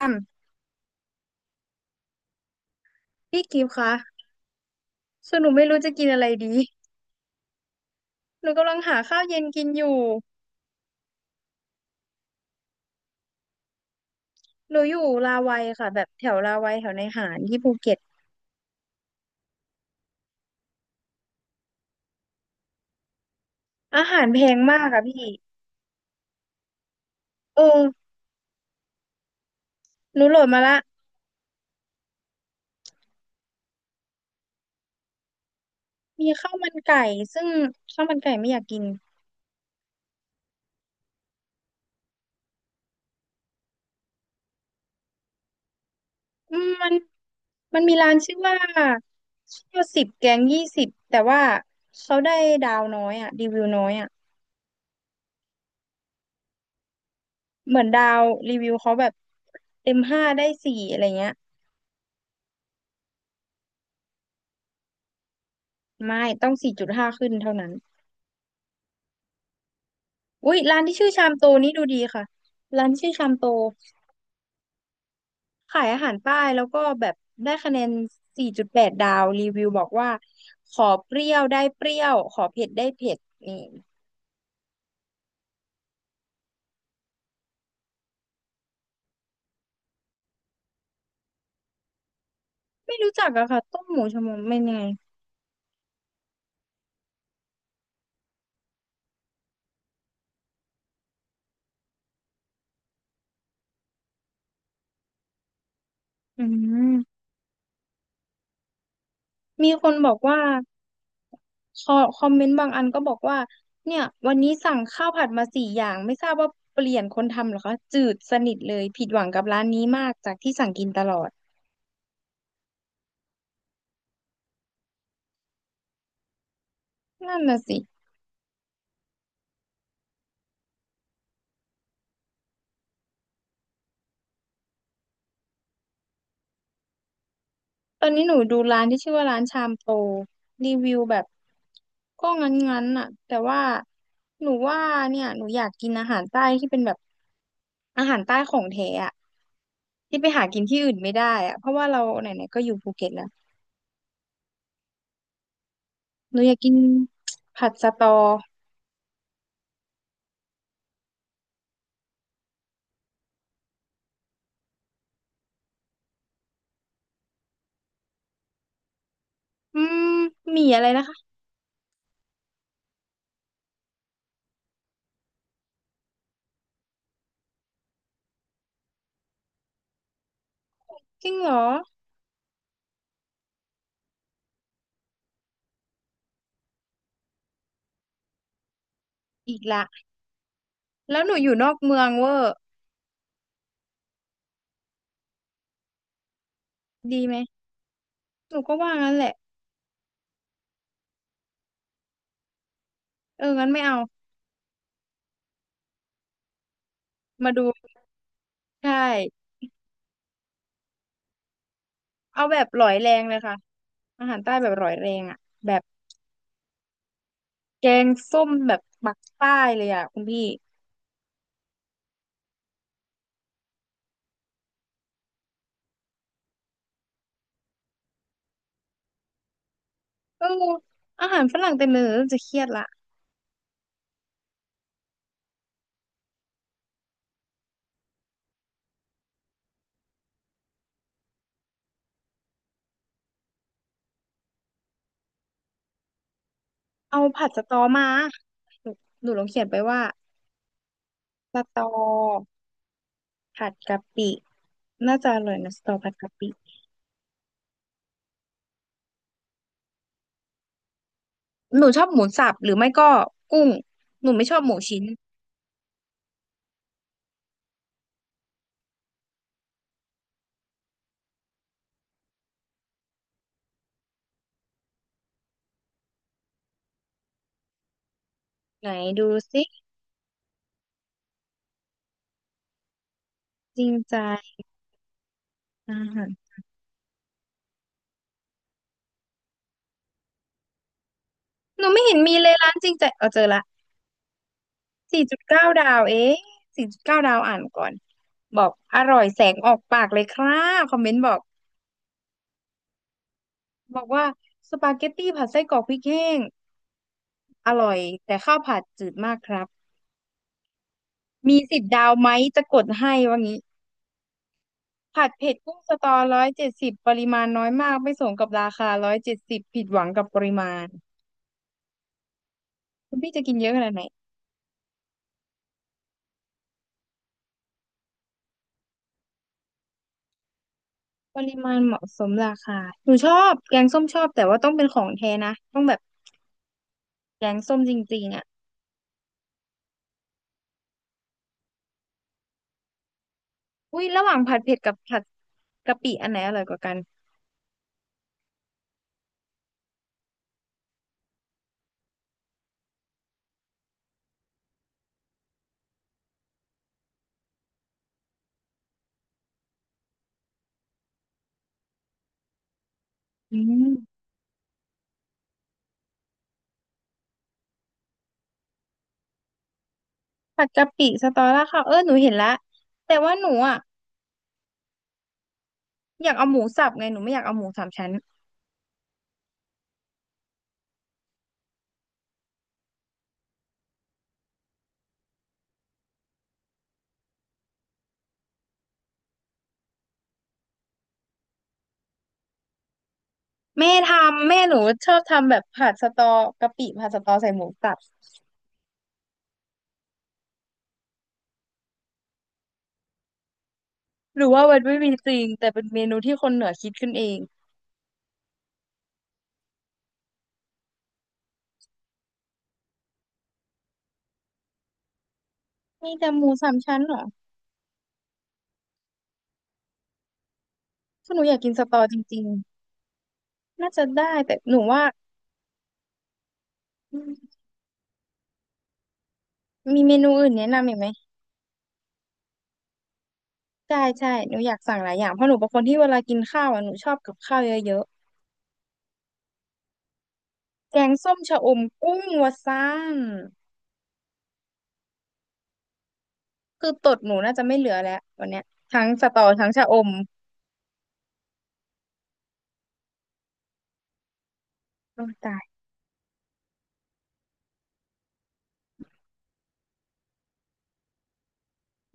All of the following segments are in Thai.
อืมพี่กิฟต์คะส่วนหนูไม่รู้จะกินอะไรดี หนูกำลังหาข้าวเย็นกินอยู่หนูอยู่ลาวัยค่ะแบบแถวลาวัยแถวในหาญที่ภูเก็ตอาหารแพงมากค่ะพี่เออหนูโหลดมาละมีข้าวมันไก่ซึ่งข้าวมันไก่ไม่อยากกินอืมมันมันมีร้านชื่อว่าข้าว 10 แกง 20แต่ว่าเขาได้ดาวน้อยอะรีวิวน้อยอะเหมือนดาวรีวิวเขาแบบเต็ม 5 ได้ 4อะไรเงี้ยไม่ต้อง4.5ขึ้นเท่านั้น อุ๊ยร้านที่ชื่อชามโตนี่ดูดีค่ะร้านที่ชื่อชามโตขายอาหารใต้แล้วก็แบบได้คะแนน4.8ด8 ดาวรีวิวบอกว่าขอเปรี้ยวได้เปรี้ยวขอเผ็ดได้เผ็ดนี่ไม่รู้จักอะค่ะต้มหมูชะมวไม่นไงอืมมีคนบอกว่าคอมเมนต์บางอันก็บอกว่าเนี่ยวันนี้สั่งข้าวผัดมา4 อย่างไม่ทราบว่าเปลี่ยนคนทำเหรอคะจืดสนิทเลยผิดหวังกับร้านนี้มากจากที่สั่งกินตลอดนั่นน่ะสิ ตอนนี้หนูดูร้านที่ชื่อว่าร้านชามโปรรีวิวแบบก็งั้นๆน่ะแต่ว่าหนูว่าเนี่ยหนูอยากกินอาหารใต้ที่เป็นแบบอาหารใต้ของแท้อะที่ไปหากินที่อื่นไม่ได้อะเพราะว่าเราไหนๆก็อยู่ภูเก็ตแล้วหนูอยากกิน ผัดสะตออืมหมี่อะไรนะคะจริงเหรออีกละแล้วหนูอยู่นอกเมืองเวอร์ดีไหมหนูก็ว่างั้นแหละเอองั้นไม่เอามาดูใช่เอาแบบหลอยแรงเลยค่ะ อาหารใต้แบบอร่อยแรงอ่ะแบบแกงส้มแบบปักใต้เลยอ่ะคุณพี่เอออาหารฝรั่งเต็มเลยเริ่มจะเครียดละเอาผัดสะตอมาหนูหนูลองเขียนไปว่าสะตอผัดกะปิน่าจะอร่อยนะสะตอผัดกะปิหนูชอบหมูสับหรือไม่ก็กุ้งหนูไม่ชอบหมูชิ้นไหนดูสิจริงใจอาหารหนูไม่เห็นมีเลยร้านจริงใจเอาเจอละ สี่จุดเก้าดาวเอง4.9 ดาวอ่านก่อนบอกอร่อยแสงออกปากเลยครับคอมเมนต์บอกบอกว่าสปาเกตตี้ผัดไส้กรอกพริกแห้งอร่อยแต่ข้าวผัดจืดมากครับมี10 ดาวไหมจะกดให้ว่างี้ผัดเผ็ดกุ้งสตอร้อยเจ็ดสิบปริมาณน้อยมากไม่สมกับราคาร้อยเจ็ดสิบผิดหวังกับปริมาณคุณพี่จะกินเยอะขนาดไหนปริมาณเหมาะสมราคาหนูชอบแกงส้มชอบแต่ว่าต้องเป็นของแท้นะต้องแบบแกงส้มจริงๆอ่ะ อุ้ยระหว่างผัดเผ็ดกับผัดกะปิอันไหนอร่อยกว่ากันอืมผัดกะปิสตอราค่าเออหนูเห็นละแต่ว่าหนูอ่ะอยากเอาหมูสับไงหนูไม่อยากเอาหมูสามชั้นแม่ทำแม่หนูชอบทำแบบผัดสตอกะปิผัดสตอใส่หมูสับหรือว่ามันไม่มีจริงแต่เป็นเมนูที่คนเหนือคิดขึ้นเองมีแต่หมูสามชั้นเหรอถ้าหนูอยากกินสตอจริงๆน่าจะได้แต่หนูว่าอืมมีเมนูอื่นแนะนำอีกไหมใช่หนูอยากสั่งหลายอย่างเพราะหนูเป็นคนที่เวลากินข้าวอ่ะหนูชอบกับข้าวเยอะ แกงส้มชะอมกุ้งวะซ่านคือตดหนูน่าจะไม่เหลือแล้ววันเนี้ยทั้งสตอทั้งชะอมโอ้ยตาย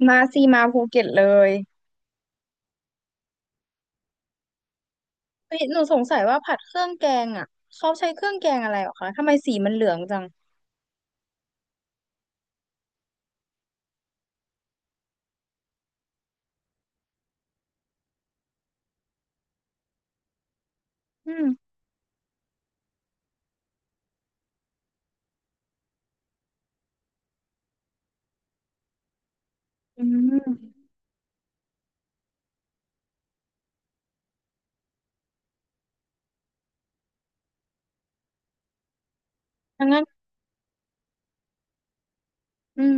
มาซีมาภูเก็ตเลยเฮ้ยหนูสงสัยว่าผัดเครื่องแกงอ่ะเขาใช้เครื่องแกงอะไรหรอคะทำไมสีมันเหลืองจังอืมอืมดังนั้นอืม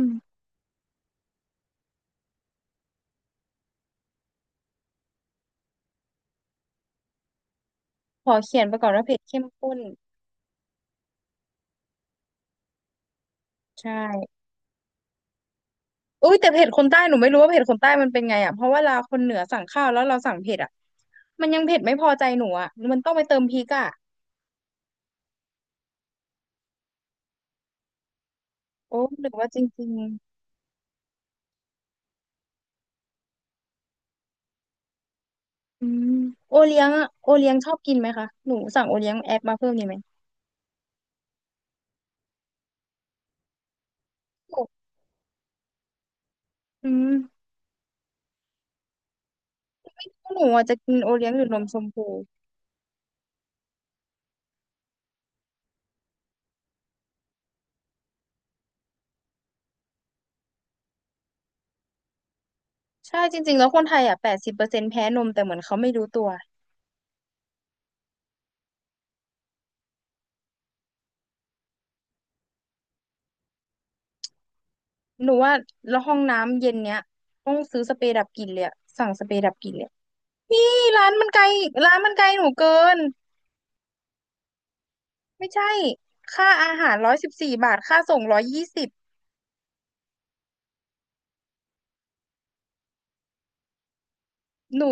ขอเขียนไปก่อนว่าเผ็ดเข้มข้นใช่อุ้ยแต่เผ็ดคนใต้หนูไม่รู้ว่าเผ็ดคนใต้มันเป็นไงอ่ะเพราะว่าเราคนเหนือสั่งข้าวแล้วเราสั่งเผ็ดอ่ะมันยังเผ็ดไม่พอใจหนูอ่ะมันต้องไปเติมพริกอ่ะโอ้หรือว่าจริง อืมโอเลี้ยงอะโอเลี้ยงชอบกินไหมคะหนูสั่งโอเลี้ยงแอปมาเพิ่มดีไหมหนูอืมหนูอาจจะกินโอเลี้ยงหรือนมชมพูใช่จริงๆแล้วคนไทยอ่ะ80%แพ้นมแต่เหมือนเขาไม่รู้ตัวหนูว่าแล้วห้องน้ำเย็นเนี้ยต้องซื้อสเปรย์ดับกลิ่นเลยอะสั่งสเปรย์ดับกลิ่นเลยนี่ร้านมันไกลหนูเกินไม่ใช่ค่าอาหาร114 บาทค่าส่ง120หนู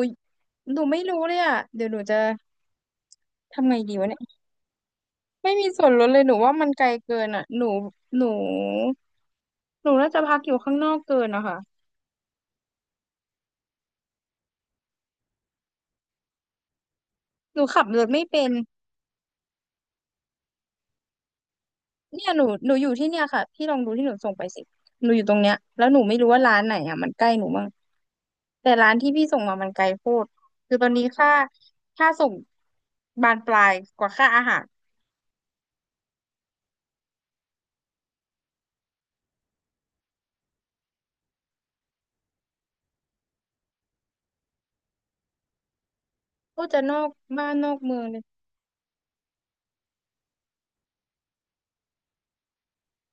หนูไม่รู้เลยอ่ะเดี๋ยวหนูจะทำไงดีวะ ไม่มีส่วนลดเลยหนูว่ามันไกลเกินอ่ะหนูหนูน่าจะพักอยู่ข้างนอกเกินนะคะหนูขับรถไม่เป็นเนี่ยหนูอยู่ที่เนี่ยค่ะพี่ลองดูที่หนูส่งไปสิหนูอยู่ตรงเนี้ยแล้วหนูไม่รู้ว่าร้านไหนอ่ะมันใกล้หนูบ้างแต่ร้านที่พี่ส่งมามันไกลโคตรคือตอนนี้ค่าส่งบานปลายกว่าค่าอาหารก็จะนอกบ้านนอกเมืองเลย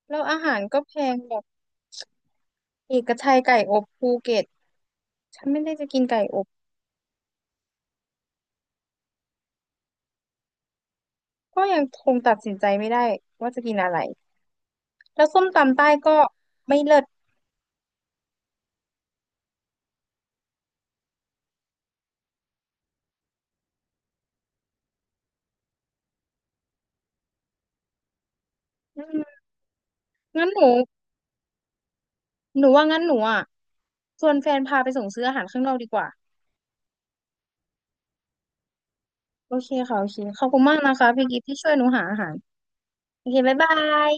แล้วอาหารก็แพงแบบเอกชัยไก่อบภูเก็ตฉันไม่ได้จะกินไก่อบ ก็ยังคงตัดสินใจไม่ได้ว่าจะกินอะไร แล้วส้มตำใต้ก็ไม่เลิศอืมงั้นหนู หนูว่างั้นหนูอ่ะชวนแฟนพาไปส่งซื้ออาหารข้างนอกดีกว่า โอเคค่ะโอเคขอบคุณมากนะคะพี่กิฟที่ช่วยหนูหาอาหาร โอเคบ๊ายบาย